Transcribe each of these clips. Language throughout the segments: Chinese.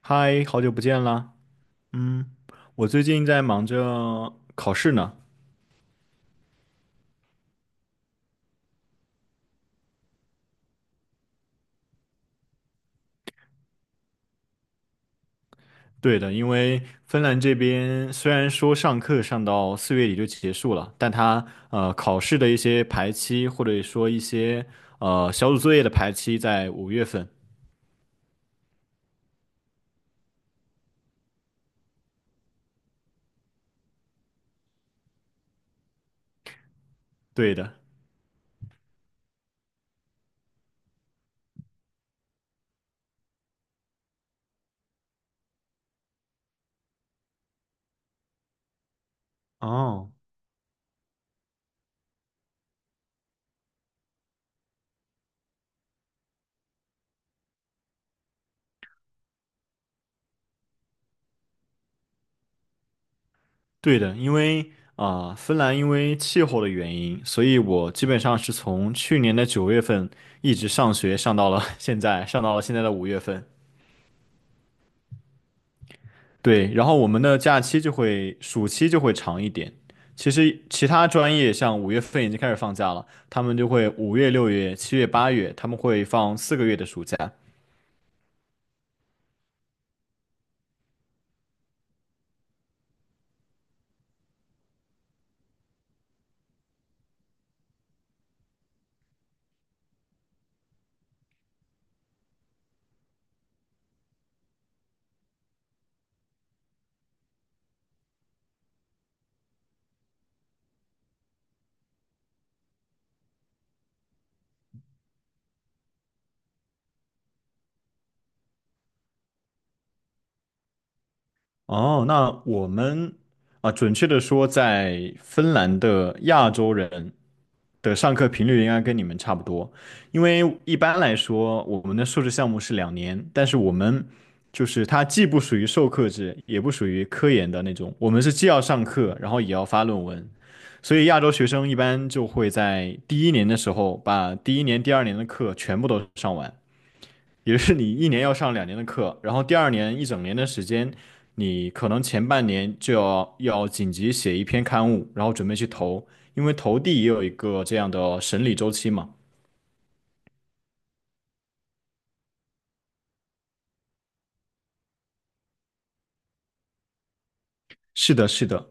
嗨，好久不见啦。嗯。我最近在忙着考试呢。对的，因为芬兰这边虽然说上课上到4月底就结束了，但它考试的一些排期或者说一些小组作业的排期在五月份。对的。哦，对的，因为芬兰因为气候的原因，所以我基本上是从去年的9月份一直上学上到了现在，上到了现在的五月份。对，然后我们的假期就会暑期就会长一点。其实其他专业像五月份已经开始放假了，他们就会5月、6月、7月、8月，他们会放4个月的暑假。哦，那我们啊，准确的说，在芬兰的亚洲人的上课频率应该跟你们差不多，因为一般来说我们的硕士项目是两年，但是我们就是它既不属于授课制，也不属于科研的那种，我们是既要上课，然后也要发论文，所以亚洲学生一般就会在第一年的时候把第一年、第二年的课全部都上完，也就是你一年要上两年的课，然后第二年一整年的时间，你可能前半年就要紧急写一篇刊物，然后准备去投，因为投递也有一个这样的审理周期嘛。是的，是的。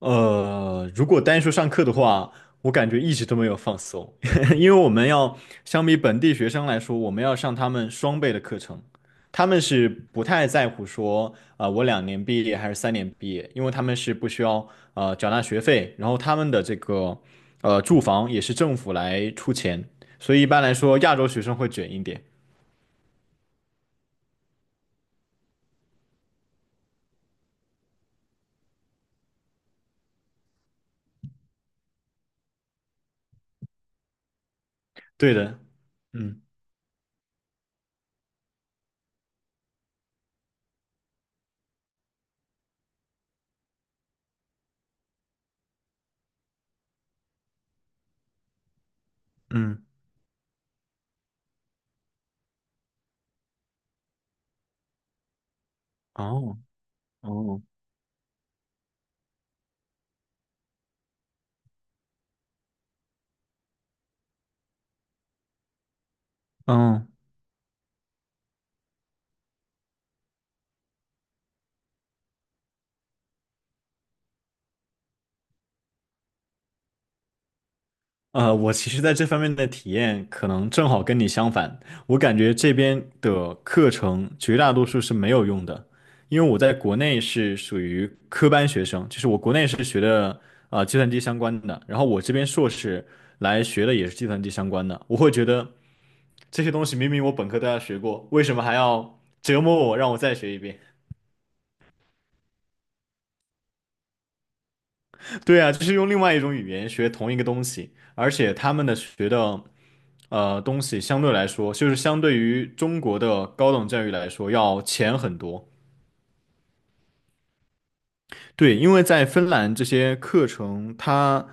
如果单说上课的话，我感觉一直都没有放松，因为我们要相比本地学生来说，我们要上他们双倍的课程，他们是不太在乎说我两年毕业还是3年毕业，因为他们是不需要缴纳学费，然后他们的这个住房也是政府来出钱，所以一般来说亚洲学生会卷一点。对的。嗯嗯。哦哦。嗯。我其实在这方面的体验可能正好跟你相反。我感觉这边的课程绝大多数是没有用的，因为我在国内是属于科班学生，就是我国内是学的计算机相关的，然后我这边硕士来学的也是计算机相关的。我会觉得这些东西明明我本科都要学过，为什么还要折磨我，让我再学一遍？对啊，就是用另外一种语言学同一个东西，而且他们的学的。东西相对来说，就是相对于中国的高等教育来说要浅很多。对，因为在芬兰这些课程，它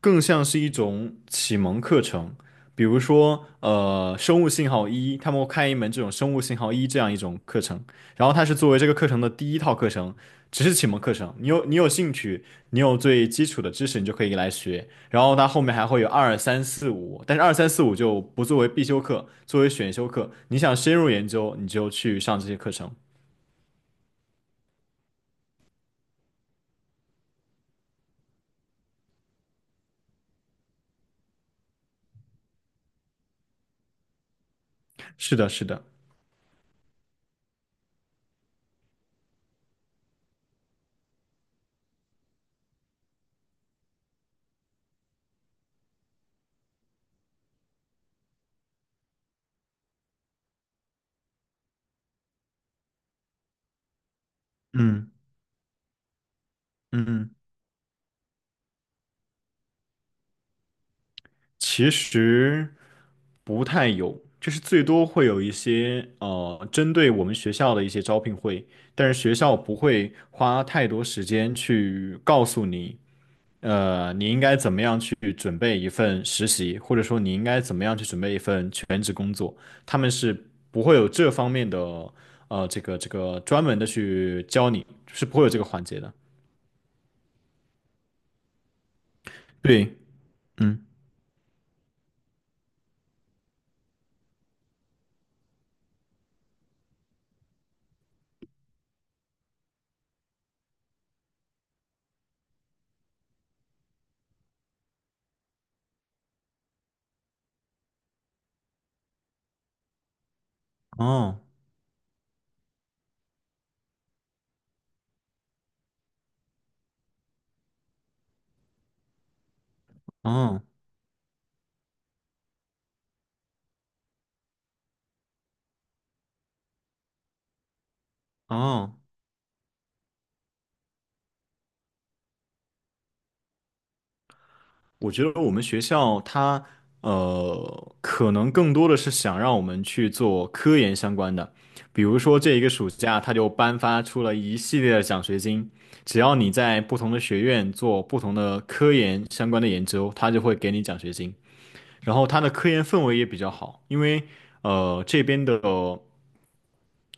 更像是一种启蒙课程，比如说，生物信号一，他们会开一门这种生物信号一这样一种课程，然后它是作为这个课程的第一套课程，只是启蒙课程。你有兴趣，你有最基础的知识，你就可以来学。然后它后面还会有二三四五，但是二三四五就不作为必修课，作为选修课。你想深入研究，你就去上这些课程。是的，是的。嗯嗯。其实不太有，就是最多会有一些针对我们学校的一些招聘会，但是学校不会花太多时间去告诉你，你应该怎么样去准备一份实习，或者说你应该怎么样去准备一份全职工作，他们是不会有这方面的这个专门的去教你，是不会有这个环节的。对。嗯。哦哦哦。我觉得我们学校它可能更多的是想让我们去做科研相关的，比如说这一个暑假，它就颁发出了一系列的奖学金，只要你在不同的学院做不同的科研相关的研究，它就会给你奖学金。然后它的科研氛围也比较好，因为呃这边的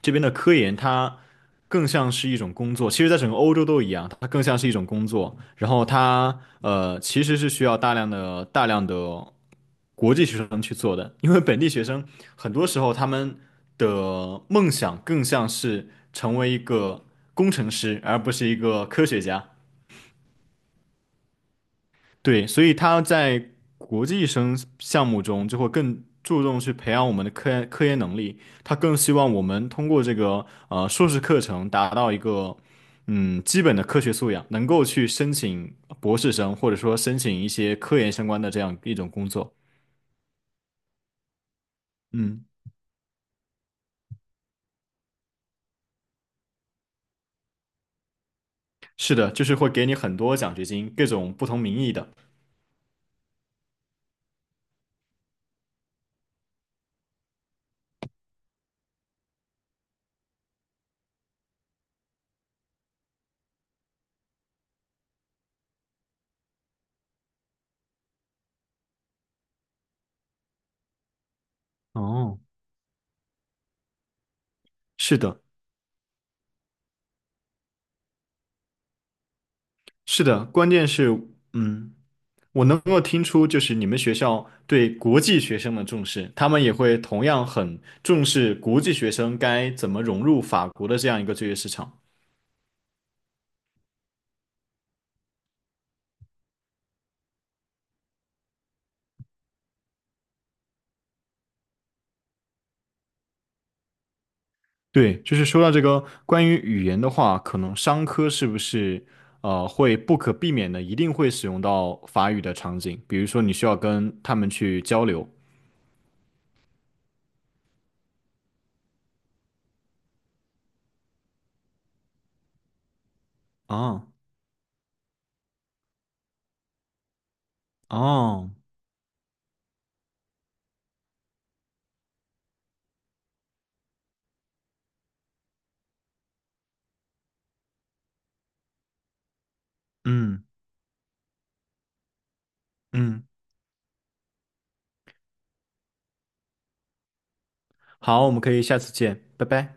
这边的科研它更像是一种工作，其实在整个欧洲都一样，它更像是一种工作，然后它其实是需要大量的国际学生去做的，因为本地学生很多时候他们的梦想更像是成为一个工程师，而不是一个科学家。对，所以他在国际生项目中就会更注重去培养我们的科研能力，他更希望我们通过这个硕士课程达到一个基本的科学素养，能够去申请博士生或者说申请一些科研相关的这样一种工作。嗯，是的，就是会给你很多奖学金，各种不同名义的。哦，是的，是的，关键是嗯。我能够听出，就是你们学校对国际学生的重视，他们也会同样很重视国际学生该怎么融入法国的这样一个就业市场。对，就是说到这个关于语言的话，可能商科是不是会不可避免的一定会使用到法语的场景，比如说你需要跟他们去交流。哦哦。嗯嗯。好，我们可以下次见，拜拜。